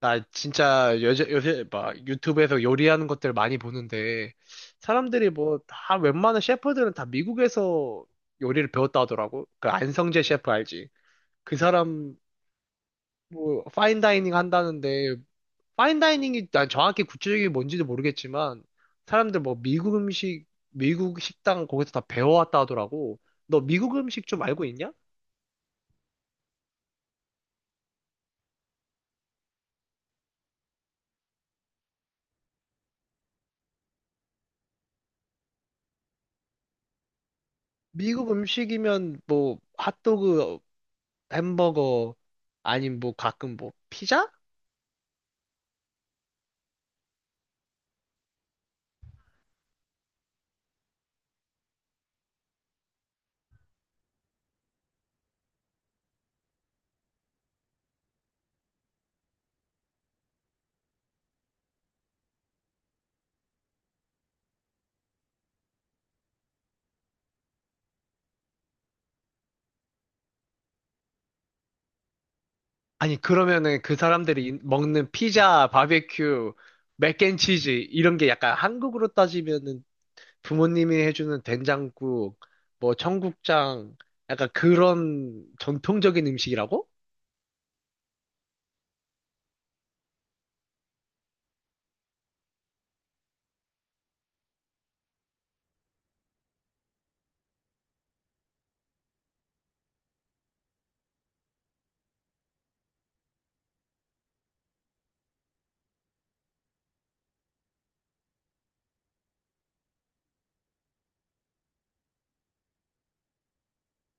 나 진짜 요새, 요새 막 유튜브에서 요리하는 것들 많이 보는데 사람들이 뭐 다 웬만한 셰프들은 다 미국에서 요리를 배웠다 하더라고. 그 안성재 셰프 알지? 그 사람 뭐 파인다이닝 한다는데 파인다이닝이 난 정확히 구체적인 뭔지도 모르겠지만 사람들 뭐 미국 음식, 미국 식당 거기서 다 배워왔다 하더라고. 너 미국 음식 좀 알고 있냐? 미국 음식이면 뭐 핫도그, 햄버거 아니면 뭐 가끔 뭐 피자? 아니, 그러면은 그 사람들이 먹는 피자, 바베큐, 맥앤치즈, 이런 게 약간 한국으로 따지면은 부모님이 해주는 된장국, 뭐 청국장, 약간 그런 전통적인 음식이라고?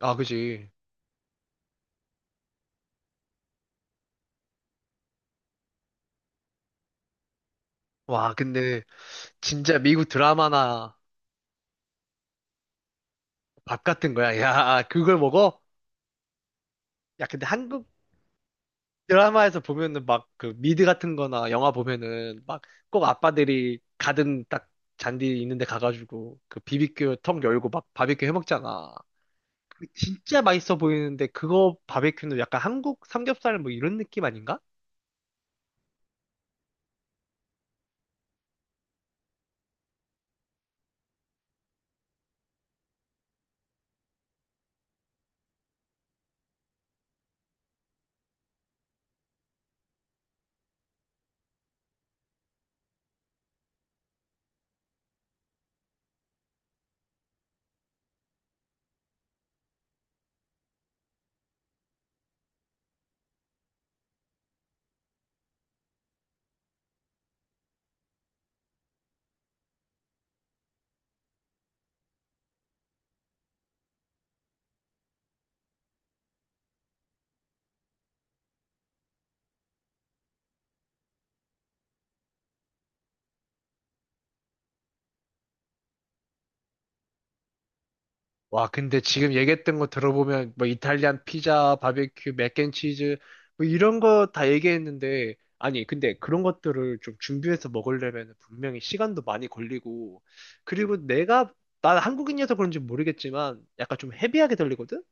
아, 그지. 와, 근데 진짜 미국 드라마나 밥 같은 거야. 야, 그걸 먹어? 야, 근데 한국 드라마에서 보면은 막 그 미드 같은 거나 영화 보면은 막 꼭 아빠들이 가든 딱 잔디 있는데 가가지고 그 비비큐 턱 열고 막 바비큐 해 먹잖아. 진짜 맛있어 보이는데 그거 바비큐는 약간 한국 삼겹살 뭐 이런 느낌 아닌가? 와, 근데 지금 얘기했던 거 들어보면 뭐 이탈리안 피자, 바베큐, 맥앤치즈 뭐 이런 거 다 얘기했는데 아니, 근데 그런 것들을 좀 준비해서 먹으려면 분명히 시간도 많이 걸리고 그리고 내가 난 한국인이어서 그런지 모르겠지만 약간 좀 헤비하게 들리거든?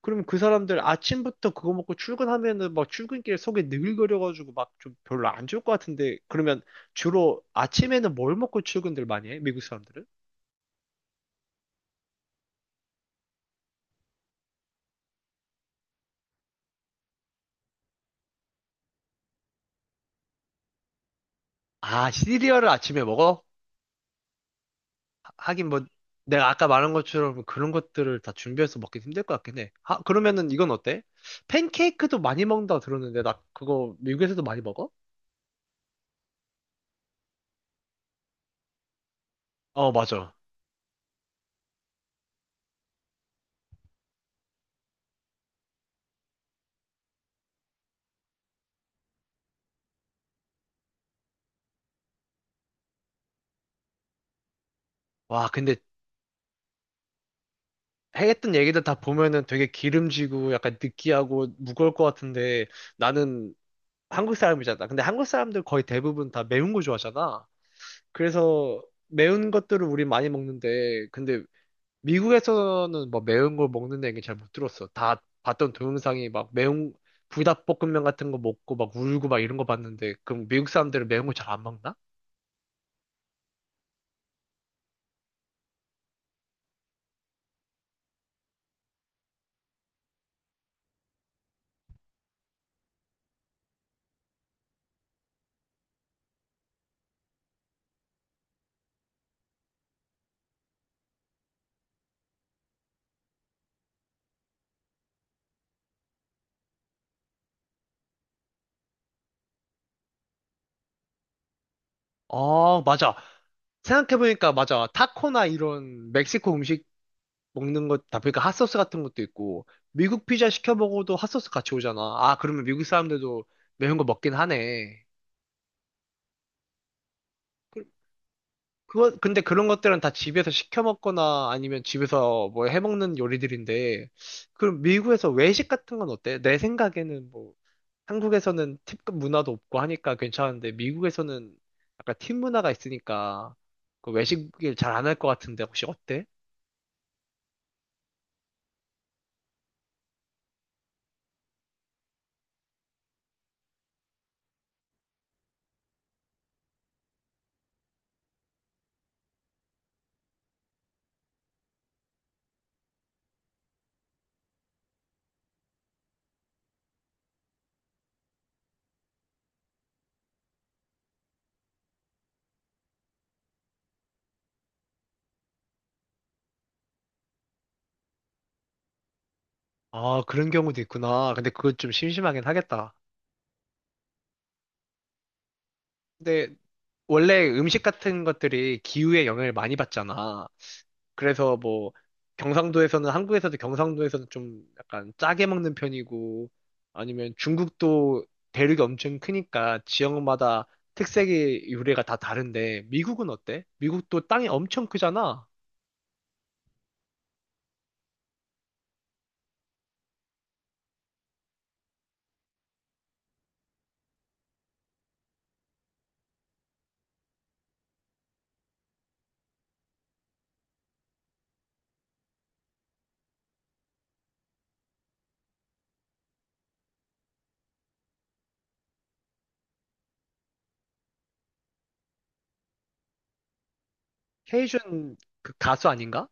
그러면 그 사람들 아침부터 그거 먹고 출근하면은 막 출근길 속에 느글거려가지고 막 좀 별로 안 좋을 것 같은데 그러면 주로 아침에는 뭘 먹고 출근들 많이 해? 미국 사람들은? 아, 시리얼을 아침에 먹어? 하긴 뭐 내가 아까 말한 것처럼 그런 것들을 다 준비해서 먹기 힘들 것 같긴 해. 아, 그러면은 이건 어때? 팬케이크도 많이 먹는다 들었는데 나 그거 미국에서도 많이 먹어? 어, 맞아. 와, 근데 했던 얘기들 다 보면은 되게 기름지고 약간 느끼하고 무거울 것 같은데 나는 한국 사람이잖아. 근데 한국 사람들 거의 대부분 다 매운 거 좋아하잖아. 그래서 매운 것들을 우리 많이 먹는데 근데 미국에서는 뭐 매운 걸 먹는 얘기 잘 못 들었어. 다 봤던 동영상이 막 매운 불닭볶음면 같은 거 먹고 막 울고 막 이런 거 봤는데 그럼 미국 사람들은 매운 거 잘 안 먹나? 아, 맞아. 생각해보니까 맞아. 타코나 이런 멕시코 음식 먹는 것 다 보니까 핫소스 같은 것도 있고 미국 피자 시켜 먹어도 핫소스 같이 오잖아. 아, 그러면 미국 사람들도 매운 거 먹긴 하네. 그거, 근데 그런 것들은 다 집에서 시켜 먹거나 아니면 집에서 뭐 해 먹는 요리들인데, 그럼 미국에서 외식 같은 건 어때? 내 생각에는 뭐, 한국에서는 팁 문화도 없고 하니까 괜찮은데, 미국에서는 약간 팁 문화가 있으니까, 그 외식을 잘 안 할 것 같은데, 혹시 어때? 아, 그런 경우도 있구나. 근데 그거 좀 심심하긴 하겠다. 근데 원래 음식 같은 것들이 기후에 영향을 많이 받잖아. 그래서 뭐 경상도에서는 한국에서도 경상도에서는 좀 약간 짜게 먹는 편이고 아니면 중국도 대륙이 엄청 크니까 지역마다 특색의 요리가 다 다른데 미국은 어때? 미국도 땅이 엄청 크잖아. 케이준 그 가수 아닌가?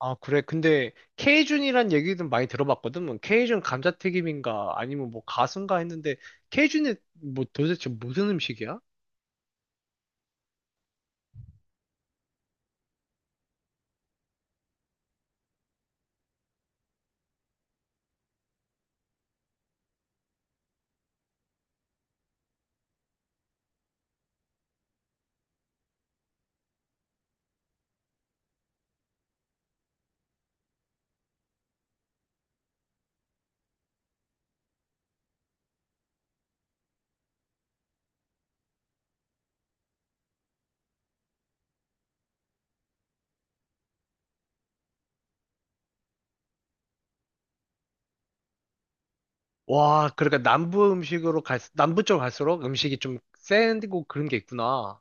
아, 그래. 근데 케이준이란 얘기도 많이 들어봤거든. 뭐 케이준 감자튀김인가 아니면 뭐 가수인가 했는데 케이준이 뭐 도대체 무슨 음식이야? 와, 그러니까 남부 음식으로 갈, 남부 쪽 갈수록 음식이 좀 센고 그런 게 있구나.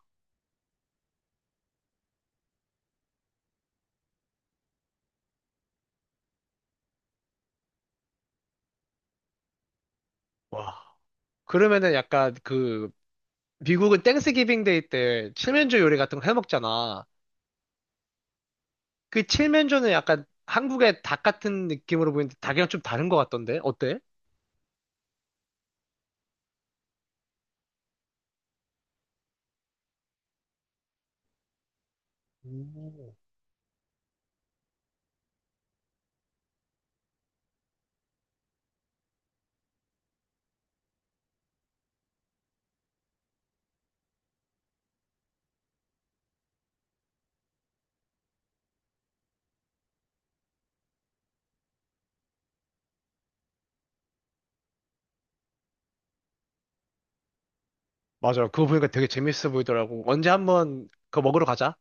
와. 그러면은 약간 그, 미국은 땡스기빙 데이 때 칠면조 요리 같은 거 해 먹잖아. 그 칠면조는 약간 한국의 닭 같은 느낌으로 보이는데 닭이랑 좀 다른 것 같던데? 어때? 오. 맞아. 그거 보니까 되게 재밌어 보이더라고. 언제 한번 그거 먹으러 가자.